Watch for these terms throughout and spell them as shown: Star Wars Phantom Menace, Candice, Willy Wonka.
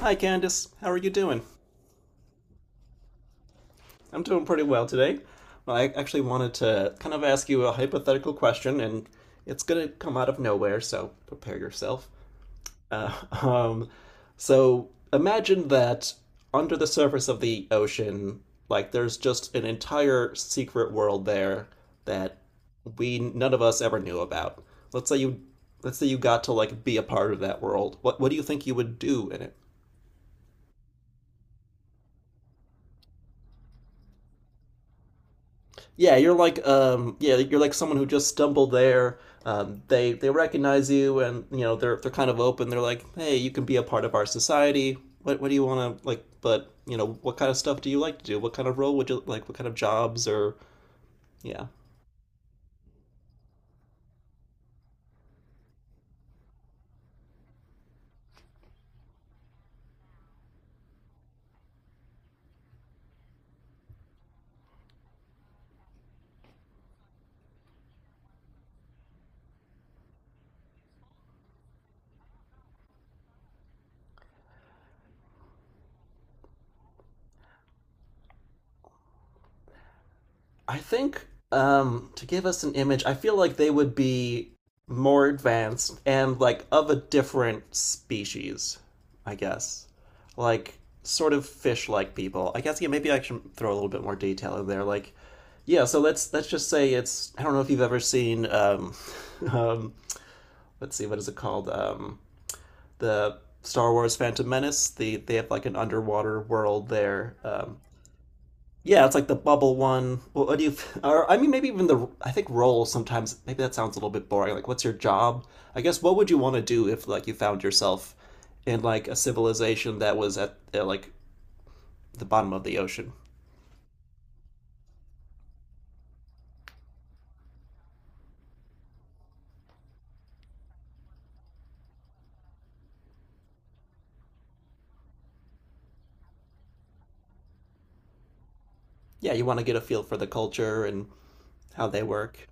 Hi, Candice. How are you doing? I'm doing pretty well today. Well, I actually wanted to kind of ask you a hypothetical question, and it's going to come out of nowhere, so prepare yourself. Uh, um, so imagine that under the surface of the ocean, like there's just an entire secret world there that we none of us ever knew about. Let's say you, let's say you got to like be a part of that world. What do you think you would do in it? Yeah, you're like someone who just stumbled there. They recognize you, and you know they're kind of open. They're like, "Hey, you can be a part of our society. What do you want to like but, you know, what kind of stuff do you like to do? What kind of role would you like, what kind of jobs or yeah. I think to give us an image, I feel like they would be more advanced and like of a different species, I guess. Like sort of fish-like people. I guess yeah, maybe I should throw a little bit more detail in there. Like, yeah, so let's just say it's I don't know if you've ever seen um let's see what is it called the Star Wars Phantom Menace. They have like an underwater world there. Yeah, it's like the bubble one. What do you? Or I mean, maybe even the. I think role sometimes. Maybe that sounds a little bit boring. Like, what's your job? I guess what would you want to do if like you found yourself in like a civilization that was at like the bottom of the ocean? Yeah, you want to get a feel for the culture and how they work.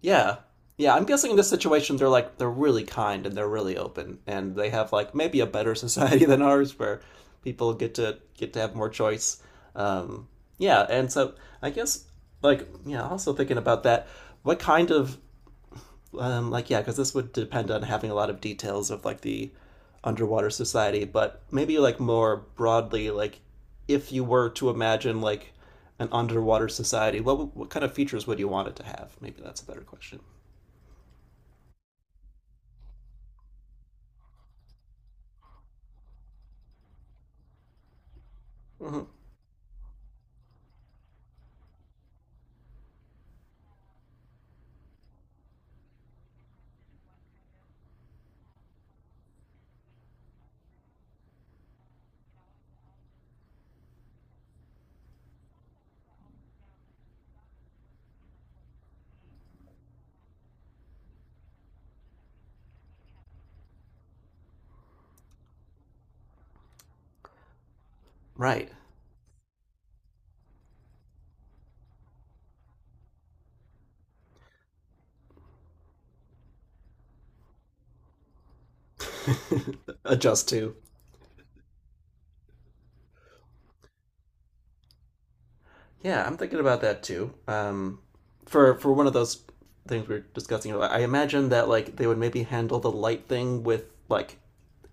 Yeah. Yeah, I'm guessing in this situation they're really kind and they're really open, and they have like maybe a better society than ours where people get to have more choice. Um, yeah, and so I guess like yeah, also thinking about that, what kind of like yeah, because this would depend on having a lot of details of like the underwater society, but maybe like more broadly, like if you were to imagine like an underwater society, what kind of features would you want it to have? Maybe that's a better question. Mhm. Right. adjust to. Yeah, I'm thinking about that too. For one of those things we were discussing, I imagine that like they would maybe handle the light thing with like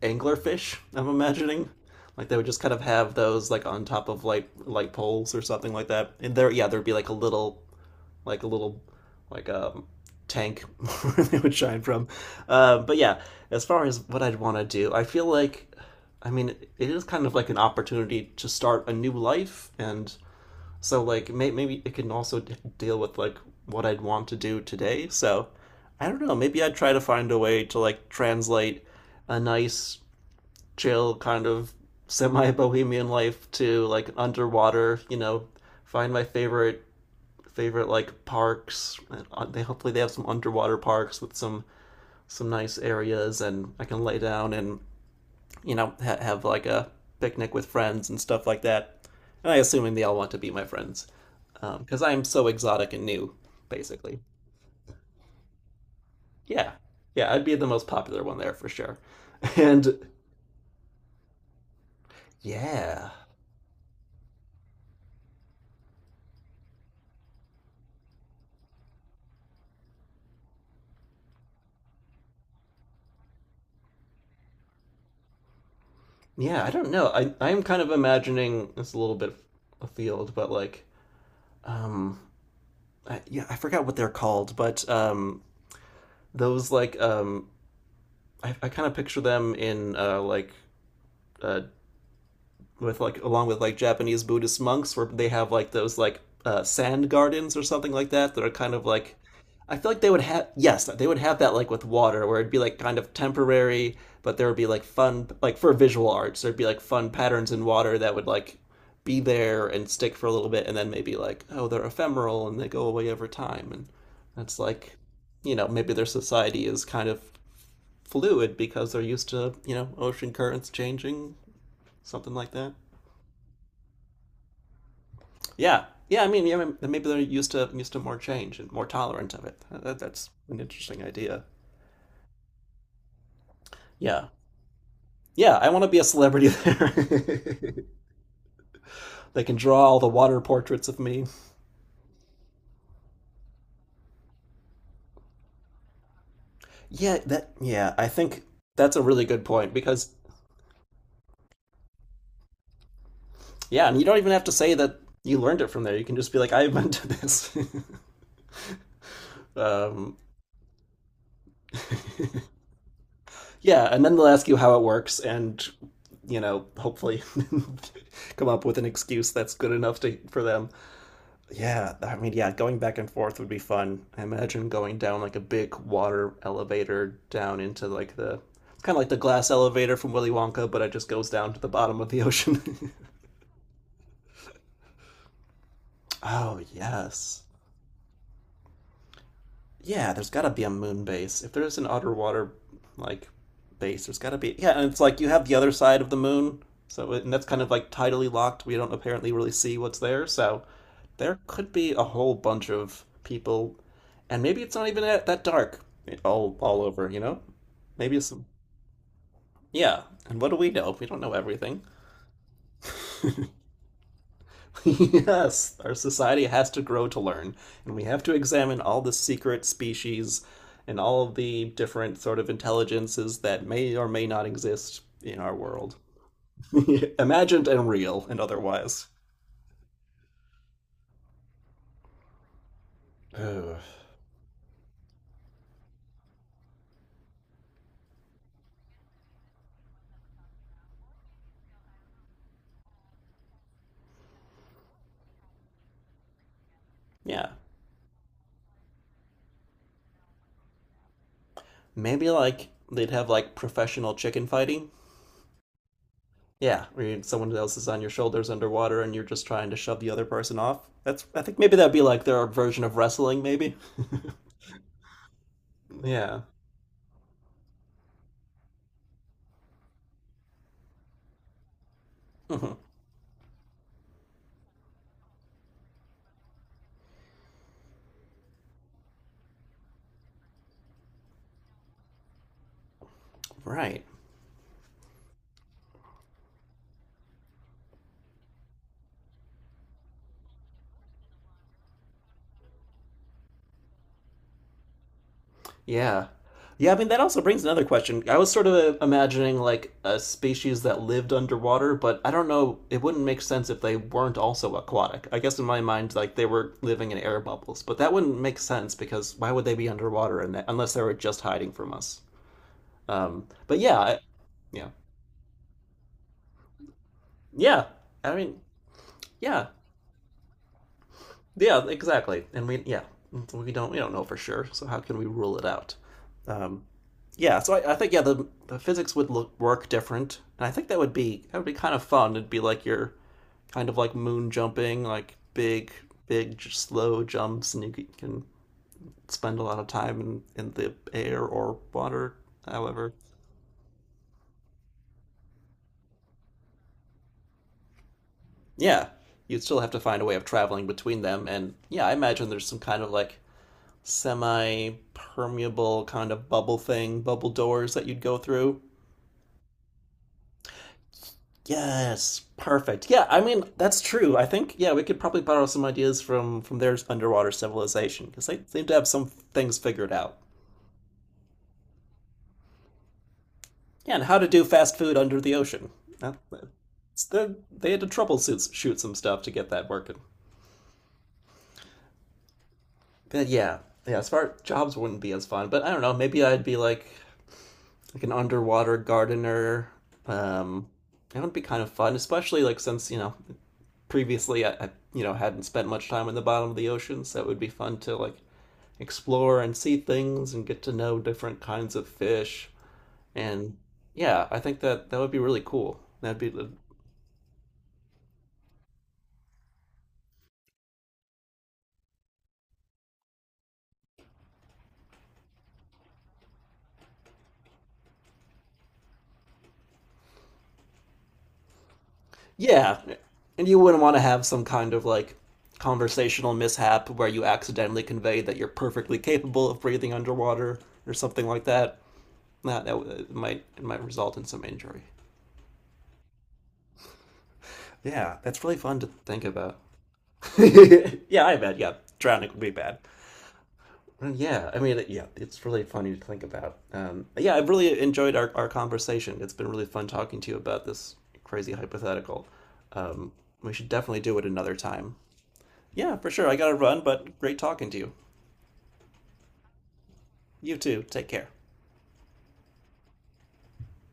anglerfish. I'm imagining like they would just kind of have those like on top of like light poles or something like that. And there, yeah, there'd be like a little like a little like tank where they would shine from. But yeah, as far as what I'd want to do, I feel like, I mean, it is kind of like an opportunity to start a new life, and so like maybe it can also deal with like what I'd want to do today. So I don't know. Maybe I'd try to find a way to like translate a nice, chill kind of semi-bohemian life to like underwater. You know, find my favorite like parks. And, they hopefully they have some underwater parks with some nice areas, and I can lay down and you know have like a picnic with friends and stuff like that. And I assuming they all want to be my friends because I'm so exotic and new, basically. Yeah, yeah, I'd be the most popular one there for sure. And yeah, yeah, I don't know. I'm kind of imagining it's a little bit afield, but like, um, I, yeah, I forgot what they're called, but those like I kind of picture them in like uh with like along with like Japanese Buddhist monks where they have like those like sand gardens or something like that that are kind of like I feel like they would have yes they would have that like with water where it'd be like kind of temporary, but there would be like fun like for visual arts there'd be like fun patterns in water that would like be there and stick for a little bit, and then maybe like oh they're ephemeral and they go away over time, and that's like you know maybe their society is kind of fluid because they're used to you know ocean currents changing, something like that. Yeah, yeah. I mean, yeah, maybe they're used to more change and more tolerant of it. That's an interesting idea. Yeah, yeah. I want to be a celebrity there. they can draw all the water portraits of me. Yeah, that. Yeah, I think that's a really good point because yeah, and you don't even have to say that you learned it from there. You can just be like, I invented this. um, Yeah, and then they'll ask you how it works, and you know, hopefully, come up with an excuse that's good enough to for them. Yeah, I mean, yeah, going back and forth would be fun. I imagine going down like a big water elevator down into like the kind of like the glass elevator from Willy Wonka, but it just goes down to the bottom of the ocean. oh yes, yeah, there's got to be a moon base. If there's an outer water like base, there's got to be. Yeah, and it's like you have the other side of the moon, so it, and that's kind of like tidally locked. We don't apparently really see what's there, so there could be a whole bunch of people, and maybe it's not even that dark all over. You know, maybe it's yeah. And what do we know? We don't know everything. yes, our society has to grow to learn, and we have to examine all the secret species and all of the different sort of intelligences that may or may not exist in our world, imagined and real and otherwise. Ugh. Yeah, maybe like they'd have like professional chicken fighting. Yeah, where someone else is on your shoulders underwater and you're just trying to shove the other person off. That's I think maybe that'd be like their version of wrestling, maybe. Yeah. Mhm. Right. Yeah. Yeah, I mean, that also brings another question. I was sort of imagining like a species that lived underwater, but I don't know, it wouldn't make sense if they weren't also aquatic. I guess in my mind, like they were living in air bubbles, but that wouldn't make sense because why would they be underwater in that, unless they were just hiding from us? But yeah, I, yeah, yeah. I mean, yeah, yeah, exactly. And we, yeah, we don't know for sure, so how can we rule it out? Um, yeah, so I think yeah the physics would look work different, and I think that would be kind of fun. It'd be like you're kind of like moon jumping, like big big slow jumps, and you can spend a lot of time in the air or water. However, yeah, you'd still have to find a way of traveling between them, and yeah, I imagine there's some kind of like semi permeable kind of bubble thing, bubble doors that you'd go through. Yes, perfect. Yeah, I mean that's true. I think yeah, we could probably borrow some ideas from their underwater civilization because they seem to have some things figured out. Yeah, and how to do fast food under the ocean. That, that's the, they had to troubleshoot shoot some stuff to get that working. But yeah, yeah. As far jobs wouldn't be as fun, but I don't know. Maybe I'd be like an underwater gardener. Um, that would be kind of fun, especially like since you know previously I you know hadn't spent much time in the bottom of the ocean, so it would be fun to like explore and see things and get to know different kinds of fish. And yeah, I think that would be really cool. That'd be the- yeah, and you wouldn't want to have some kind of like conversational mishap where you accidentally convey that you're perfectly capable of breathing underwater or something like that. That it might result in some injury. Yeah, that's really fun to think about. yeah, I bet. Yeah, drowning would be bad. Yeah, I mean, yeah, it's really funny to think about. Yeah, I've really enjoyed our conversation. It's been really fun talking to you about this crazy hypothetical. Um, we should definitely do it another time. Yeah, for sure. I gotta run, but great talking to you. You too. Take care.